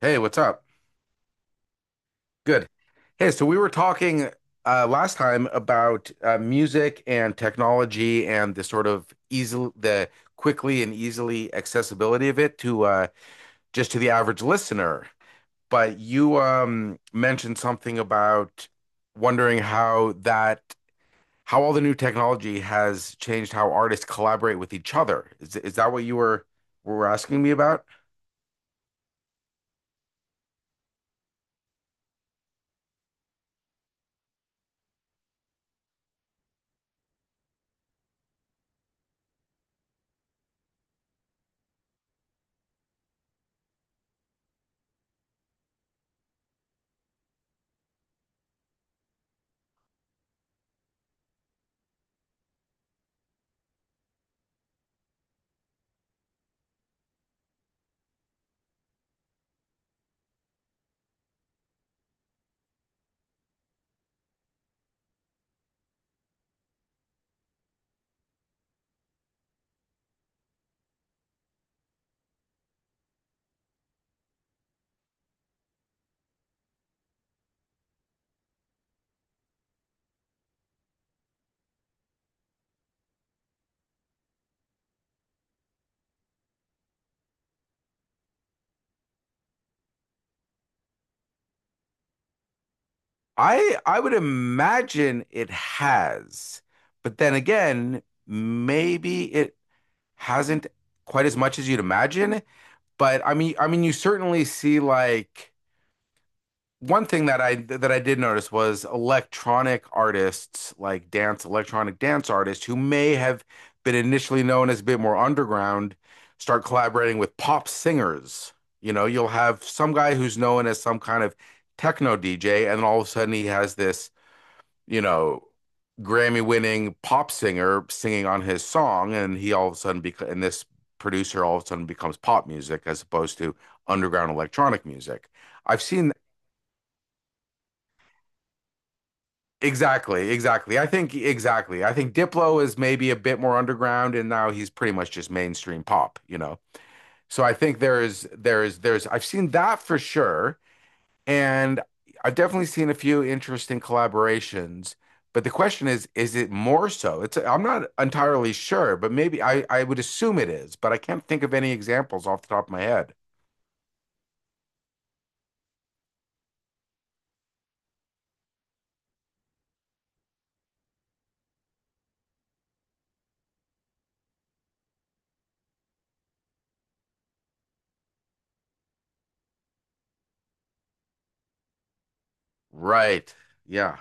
Hey, what's up? Good. Hey, so we were talking last time about music and technology and the sort of easily the quickly and easily accessibility of it to just to the average listener. But you mentioned something about wondering how that how all the new technology has changed how artists collaborate with each other. Is that what you were asking me about? I would imagine it has, but then again, maybe it hasn't quite as much as you'd imagine. But I mean, you certainly see like one thing that I did notice was electronic artists, like dance electronic dance artists, who may have been initially known as a bit more underground, start collaborating with pop singers. You know, you'll have some guy who's known as some kind of techno DJ, and all of a sudden he has this you know, Grammy winning pop singer singing on his song, and he all of a sudden and this producer all of a sudden becomes pop music as opposed to underground electronic music. I've seen exactly, exactly. I think exactly. I think Diplo is maybe a bit more underground, and now he's pretty much just mainstream pop, you know. So I think there's I've seen that for sure. And I've definitely seen a few interesting collaborations, but the question is it more so? It's I'm not entirely sure, but maybe I would assume it is, but I can't think of any examples off the top of my head. Right. Yeah.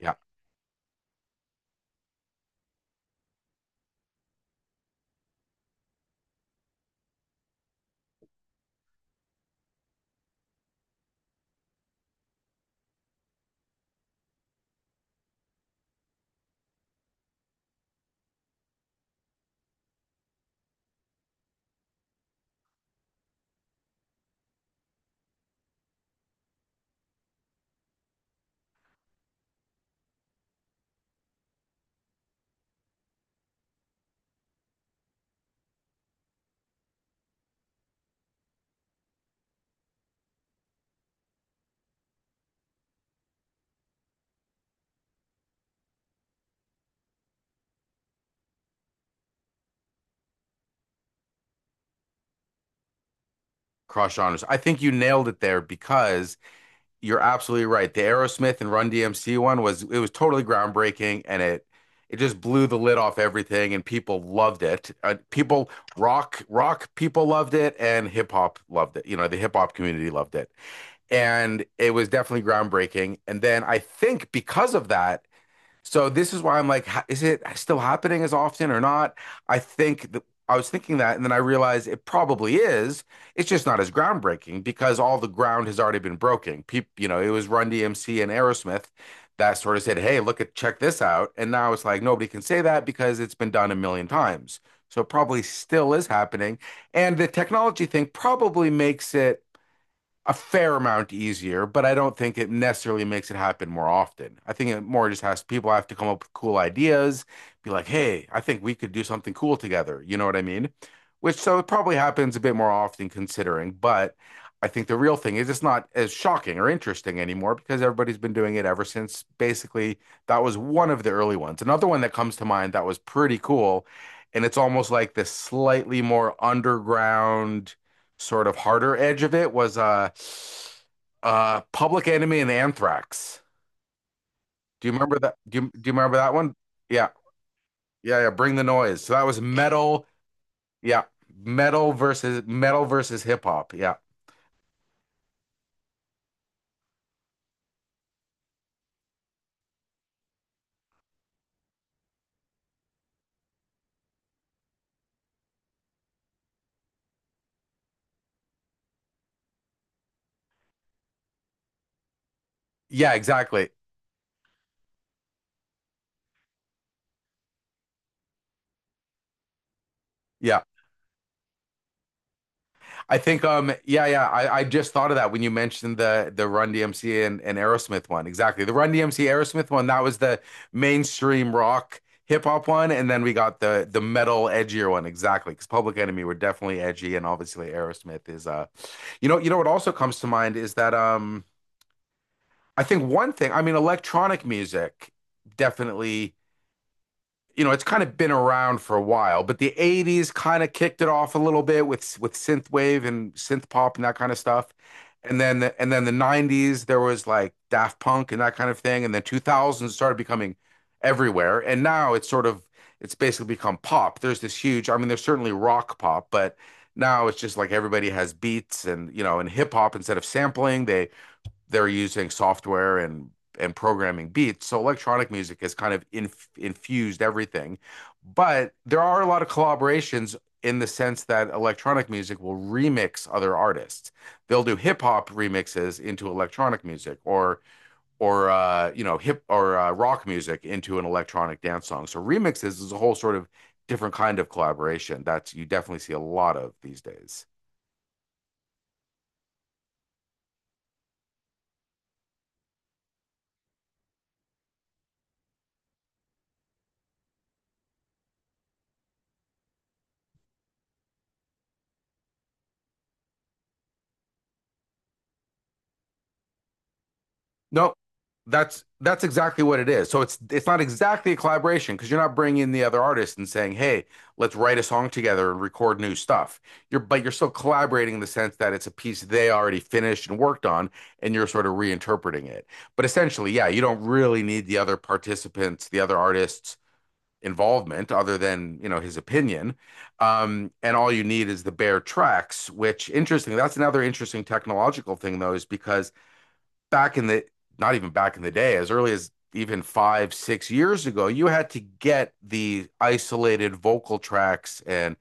Yeah. Cross genres. I think you nailed it there because you're absolutely right. The Aerosmith and Run DMC one was it was totally groundbreaking and it just blew the lid off everything and people loved it. People rock people loved it and hip hop loved it. You know, the hip hop community loved it. And it was definitely groundbreaking. And then I think because of that, so this is why I'm like, is it still happening as often or not? I think that I was thinking that, and then I realized it probably is. It's just not as groundbreaking because all the ground has already been broken. People, you know, it was Run DMC and Aerosmith that sort of said, "Hey, look at check this out," and now it's like nobody can say that because it's been done a million times. So it probably still is happening, and the technology thing probably makes it a fair amount easier, but I don't think it necessarily makes it happen more often. I think it more just has people have to come up with cool ideas, be like, hey, I think we could do something cool together. You know what I mean? Which so it probably happens a bit more often considering, but I think the real thing is it's not as shocking or interesting anymore because everybody's been doing it ever since basically that was one of the early ones. Another one that comes to mind that was pretty cool, and it's almost like this slightly more underground sort of harder edge of it was Public Enemy and Anthrax. Do you remember that? Do you remember that one? Yeah. Yeah, yeah, Bring the Noise. So that was metal, yeah. Metal versus hip hop. Yeah. Yeah, exactly. Yeah. I think I just thought of that when you mentioned the Run DMC and Aerosmith one, exactly the Run DMC Aerosmith one that was the mainstream rock hip hop one, and then we got the metal edgier one, exactly because Public Enemy were definitely edgy and obviously Aerosmith is you know. You know what also comes to mind is that I think one thing, I mean electronic music definitely, you know, it's kind of been around for a while, but the 80s kind of kicked it off a little bit with synthwave and synth pop and that kind of stuff. And then the 90s there was like Daft Punk and that kind of thing, and then 2000s started becoming everywhere. And now it's sort of it's basically become pop. There's this huge, I mean, there's certainly rock pop, but now it's just like everybody has beats and, you know, and hip hop instead of sampling, they they're using software and programming beats. So electronic music has kind of infused everything. But there are a lot of collaborations in the sense that electronic music will remix other artists. They'll do hip hop remixes into electronic music or you know hip or rock music into an electronic dance song. So remixes is a whole sort of different kind of collaboration that you definitely see a lot of these days. No, that's exactly what it is. So it's not exactly a collaboration because you're not bringing in the other artist and saying, "Hey, let's write a song together and record new stuff." You're but you're still collaborating in the sense that it's a piece they already finished and worked on, and you're sort of reinterpreting it. But essentially, yeah, you don't really need the other participants, the other artists' involvement, other than you know his opinion. And all you need is the bare tracks, which interesting. That's another interesting technological thing though, is because back in the not even back in the day, as early as even five, 6 years ago, you had to get the isolated vocal tracks and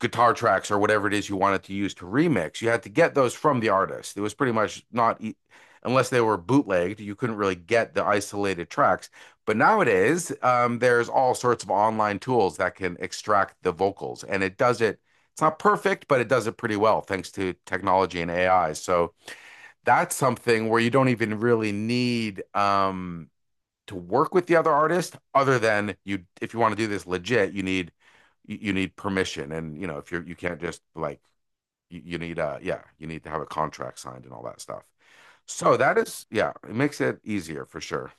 guitar tracks or whatever it is you wanted to use to remix. You had to get those from the artist. It was pretty much not, e- unless they were bootlegged, you couldn't really get the isolated tracks. But nowadays, there's all sorts of online tools that can extract the vocals, and it does it. It's not perfect, but it does it pretty well thanks to technology and AI. So, that's something where you don't even really need to work with the other artist other than you if you want to do this legit you need permission and you know if you're you can't just like you need yeah you need to have a contract signed and all that stuff so that is yeah it makes it easier for sure.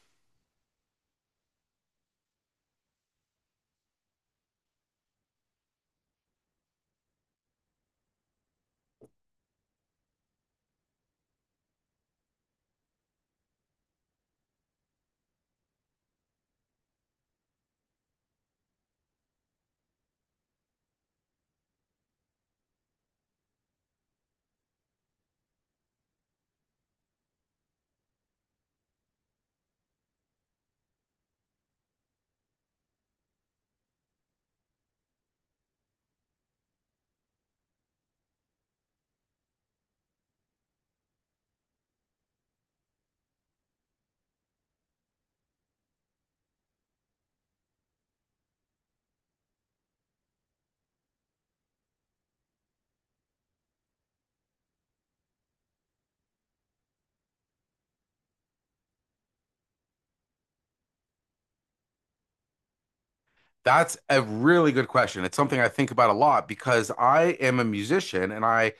That's a really good question. It's something I think about a lot because I am a musician and I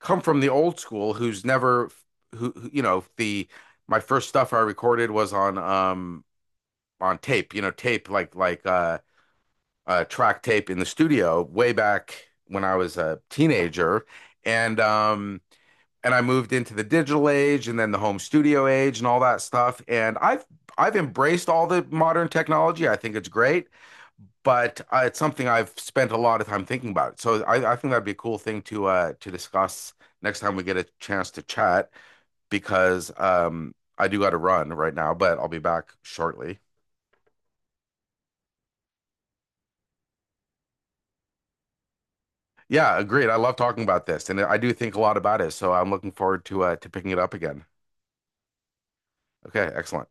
come from the old school who's never you know the my first stuff I recorded was on tape, you know, tape like like track tape in the studio way back when I was a teenager, and I moved into the digital age and then the home studio age and all that stuff, and I've embraced all the modern technology. I think it's great, but it's something I've spent a lot of time thinking about. So I think that'd be a cool thing to discuss next time we get a chance to chat because I do got to run right now, but I'll be back shortly. Yeah, agreed. I love talking about this, and I do think a lot about it, so I'm looking forward to picking it up again. Okay, excellent.